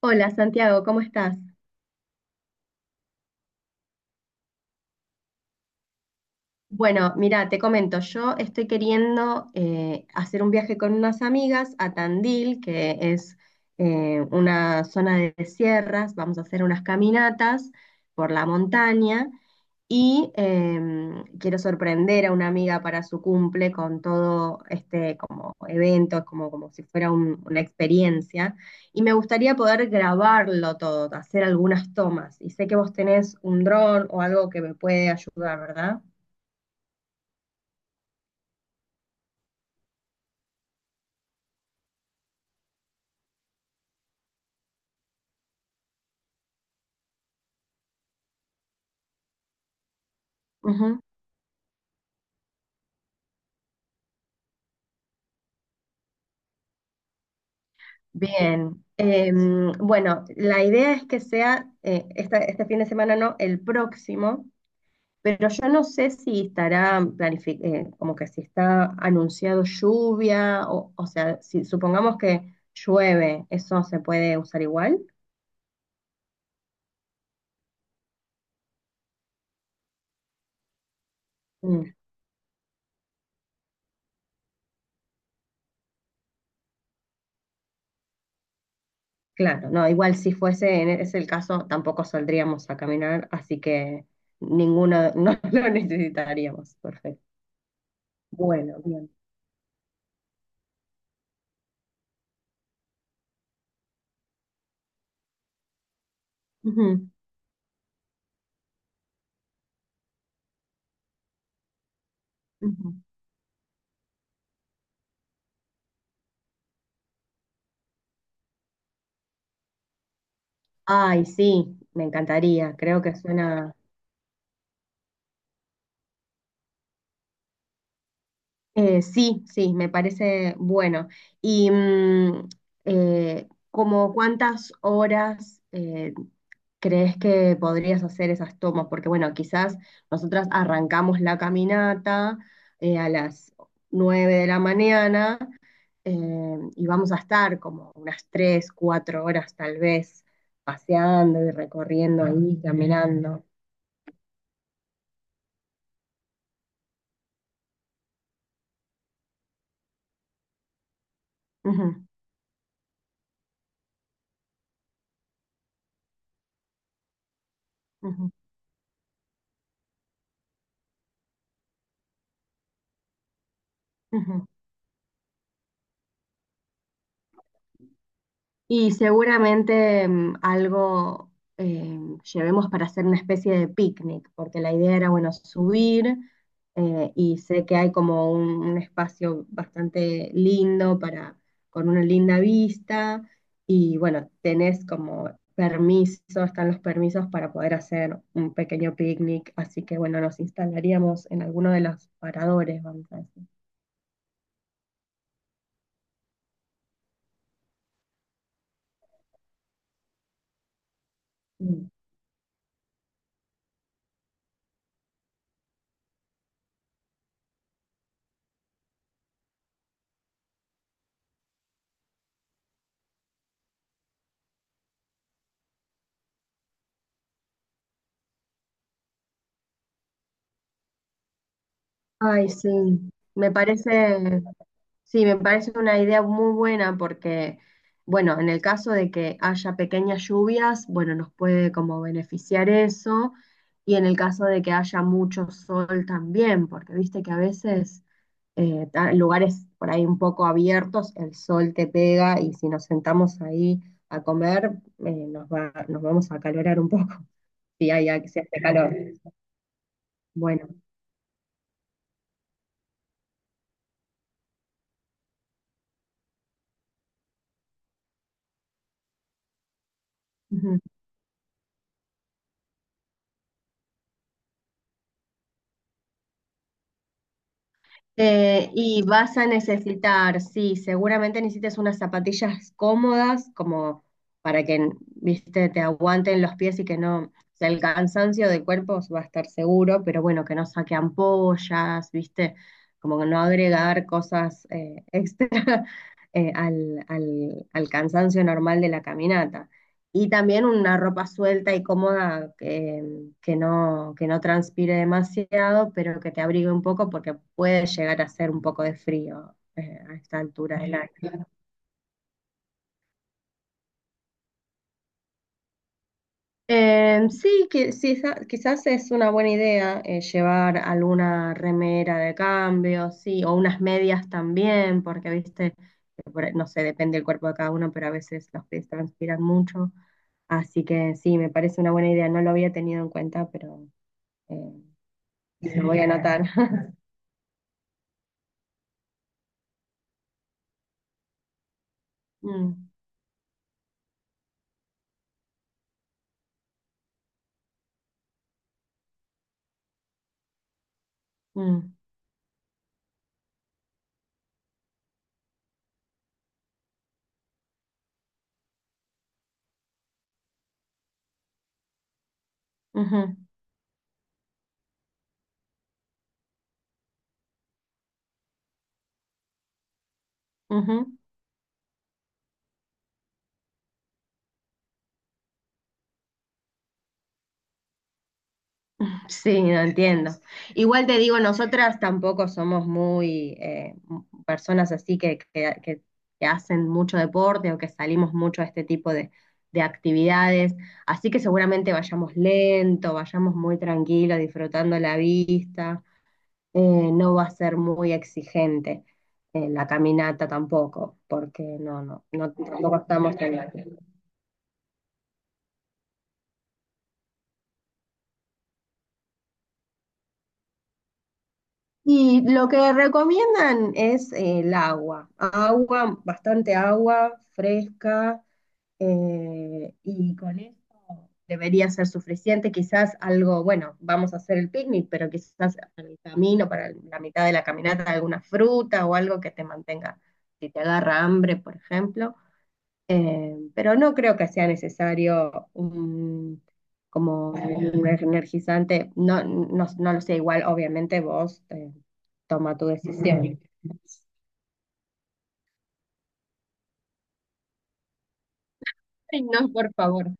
Hola Santiago, ¿cómo estás? Bueno, mira, te comento, yo estoy queriendo hacer un viaje con unas amigas a Tandil, que es una zona de sierras. Vamos a hacer unas caminatas por la montaña, y quiero sorprender a una amiga para su cumple con todo este como evento, como, como si fuera una experiencia, y me gustaría poder grabarlo todo, hacer algunas tomas, y sé que vos tenés un dron o algo que me puede ayudar, ¿verdad? Ujú. Bien. Bueno, la idea es que sea, este fin de semana no, el próximo, pero yo no sé si estará como que si está anunciado lluvia, o sea, si supongamos que llueve, ¿eso se puede usar igual? Mm, claro. No, igual si fuese en ese el caso, tampoco saldríamos a caminar, así que ninguno, no lo necesitaríamos, perfecto. Bueno, bien. Ujú, ujú. Ay, sí, me encantaría, creo que suena... sí, sí, me parece bueno. ¿Y como cuántas horas crees que podrías hacer esas tomas? Porque bueno, quizás nosotras arrancamos la caminata a las 9 de la mañana, y vamos a estar como unas 3, 4 horas tal vez paseando y recorriendo ahí, caminando. Ujú, ujú, ujú. Y seguramente algo eh, llevemos para hacer una especie de picnic, porque la idea era, bueno, subir, y sé que hay como un espacio bastante lindo para, con una linda vista, y bueno, tenés como permiso, están los permisos para poder hacer un pequeño picnic, así que bueno, nos instalaríamos en alguno de los paradores, vamos a decir. Mm. Ay, me parece, sí, me parece una idea muy buena, porque bueno, en el caso de que haya pequeñas lluvias, bueno, nos puede como beneficiar eso, y en el caso de que haya mucho sol también, porque viste que a veces lugares por ahí un poco abiertos, el sol te pega, y si nos sentamos ahí a comer, nos va, nos vamos a acalorar un poco, si hay, si hace calor. Bueno. Y vas a necesitar, sí, seguramente necesites unas zapatillas cómodas, como para que, viste, te aguanten los pies, y que no, o sea, el cansancio del cuerpo va a estar seguro, pero bueno, que no saque ampollas, viste, como que no agregar cosas extra al, al cansancio normal de la caminata. Y también una ropa suelta y cómoda que no transpire demasiado, pero que te abrigue un poco porque puede llegar a hacer un poco de frío a esta altura del año. Sí, que, sí, quizás es una buena idea llevar alguna remera de cambio, sí, o unas medias también, porque viste, que no sé, depende del cuerpo de cada uno, pero a veces los pies transpiran mucho. Así que sí, me parece una buena idea, no lo había tenido en cuenta, pero... eh, lo voy a anotar. Mm, mm, ujú, ujú. Sí, no entiendo. Igual te digo, nosotras tampoco somos muy personas así que, que hacen mucho deporte o que salimos mucho a este tipo de actividades. Así que seguramente vayamos lento, vayamos muy tranquilos, disfrutando la vista. No va a ser muy exigente la caminata tampoco, porque no, no, no, tampoco estamos en la- Y lo que recomiendan es el agua, agua, bastante agua fresca, y con eso debería ser suficiente. Quizás algo, bueno, vamos a hacer el picnic, pero quizás para el camino, para la mitad de la caminata, alguna fruta o algo que te mantenga, si te agarra hambre, por ejemplo, pero no creo que sea necesario un, como un energizante. No, no, no lo sé, igual obviamente vos toma tu decisión. Ay, no, por favor.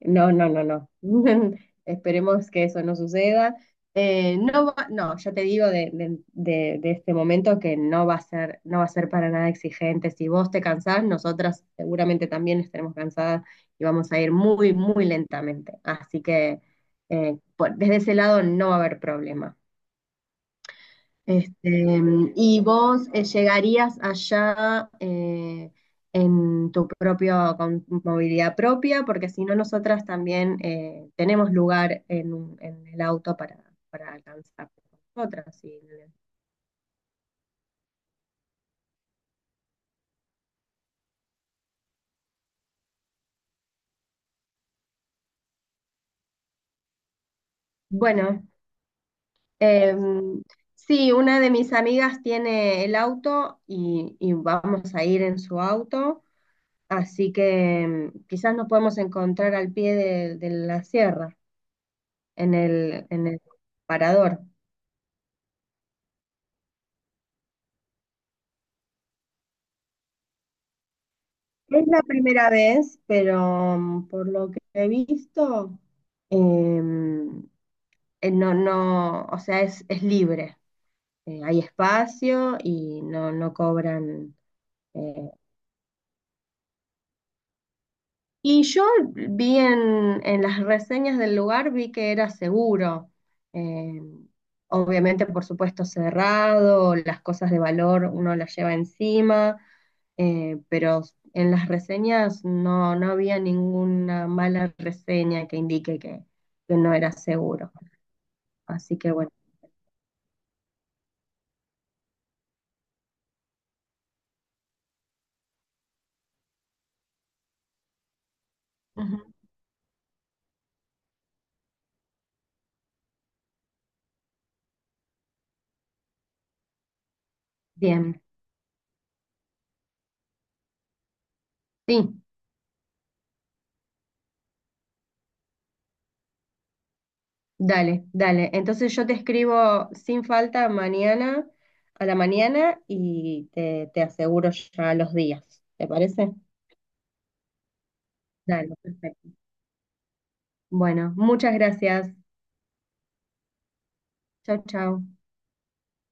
No, no, no, no. Esperemos que eso no suceda. No, va- no, ya te digo de este momento que no va a ser, no va a ser para nada exigente. Si vos te cansás, nosotras seguramente también estaremos cansadas, y vamos a ir muy, muy lentamente. Así que desde ese lado no va a haber problema. Este, y vos llegarías allá, en tu propia con movilidad propia, porque si no, nosotras también tenemos lugar en, en el auto para alcanzar nosotras. Y bueno, em, sí, una de mis amigas tiene el auto, y vamos a ir en su auto, así que em, quizás nos podemos encontrar al pie de la sierra, en el parador. Es la primera vez, pero mm, por lo que he visto, em, no, no, o sea, es libre. Hay espacio y no, no cobran. eh, Y yo vi en las reseñas del lugar, vi que era seguro. Eh, obviamente, por supuesto, cerrado, las cosas de valor uno las lleva encima, pero en las reseñas no, no había ninguna mala reseña que indique que no era seguro. Así que bueno. Ujú. Bien, sí. Dale, dale. Entonces yo te escribo sin falta mañana a la mañana y te aseguro ya los días. ¿Te parece? Dale, perfecto. Bueno, muchas gracias. Chau, chau.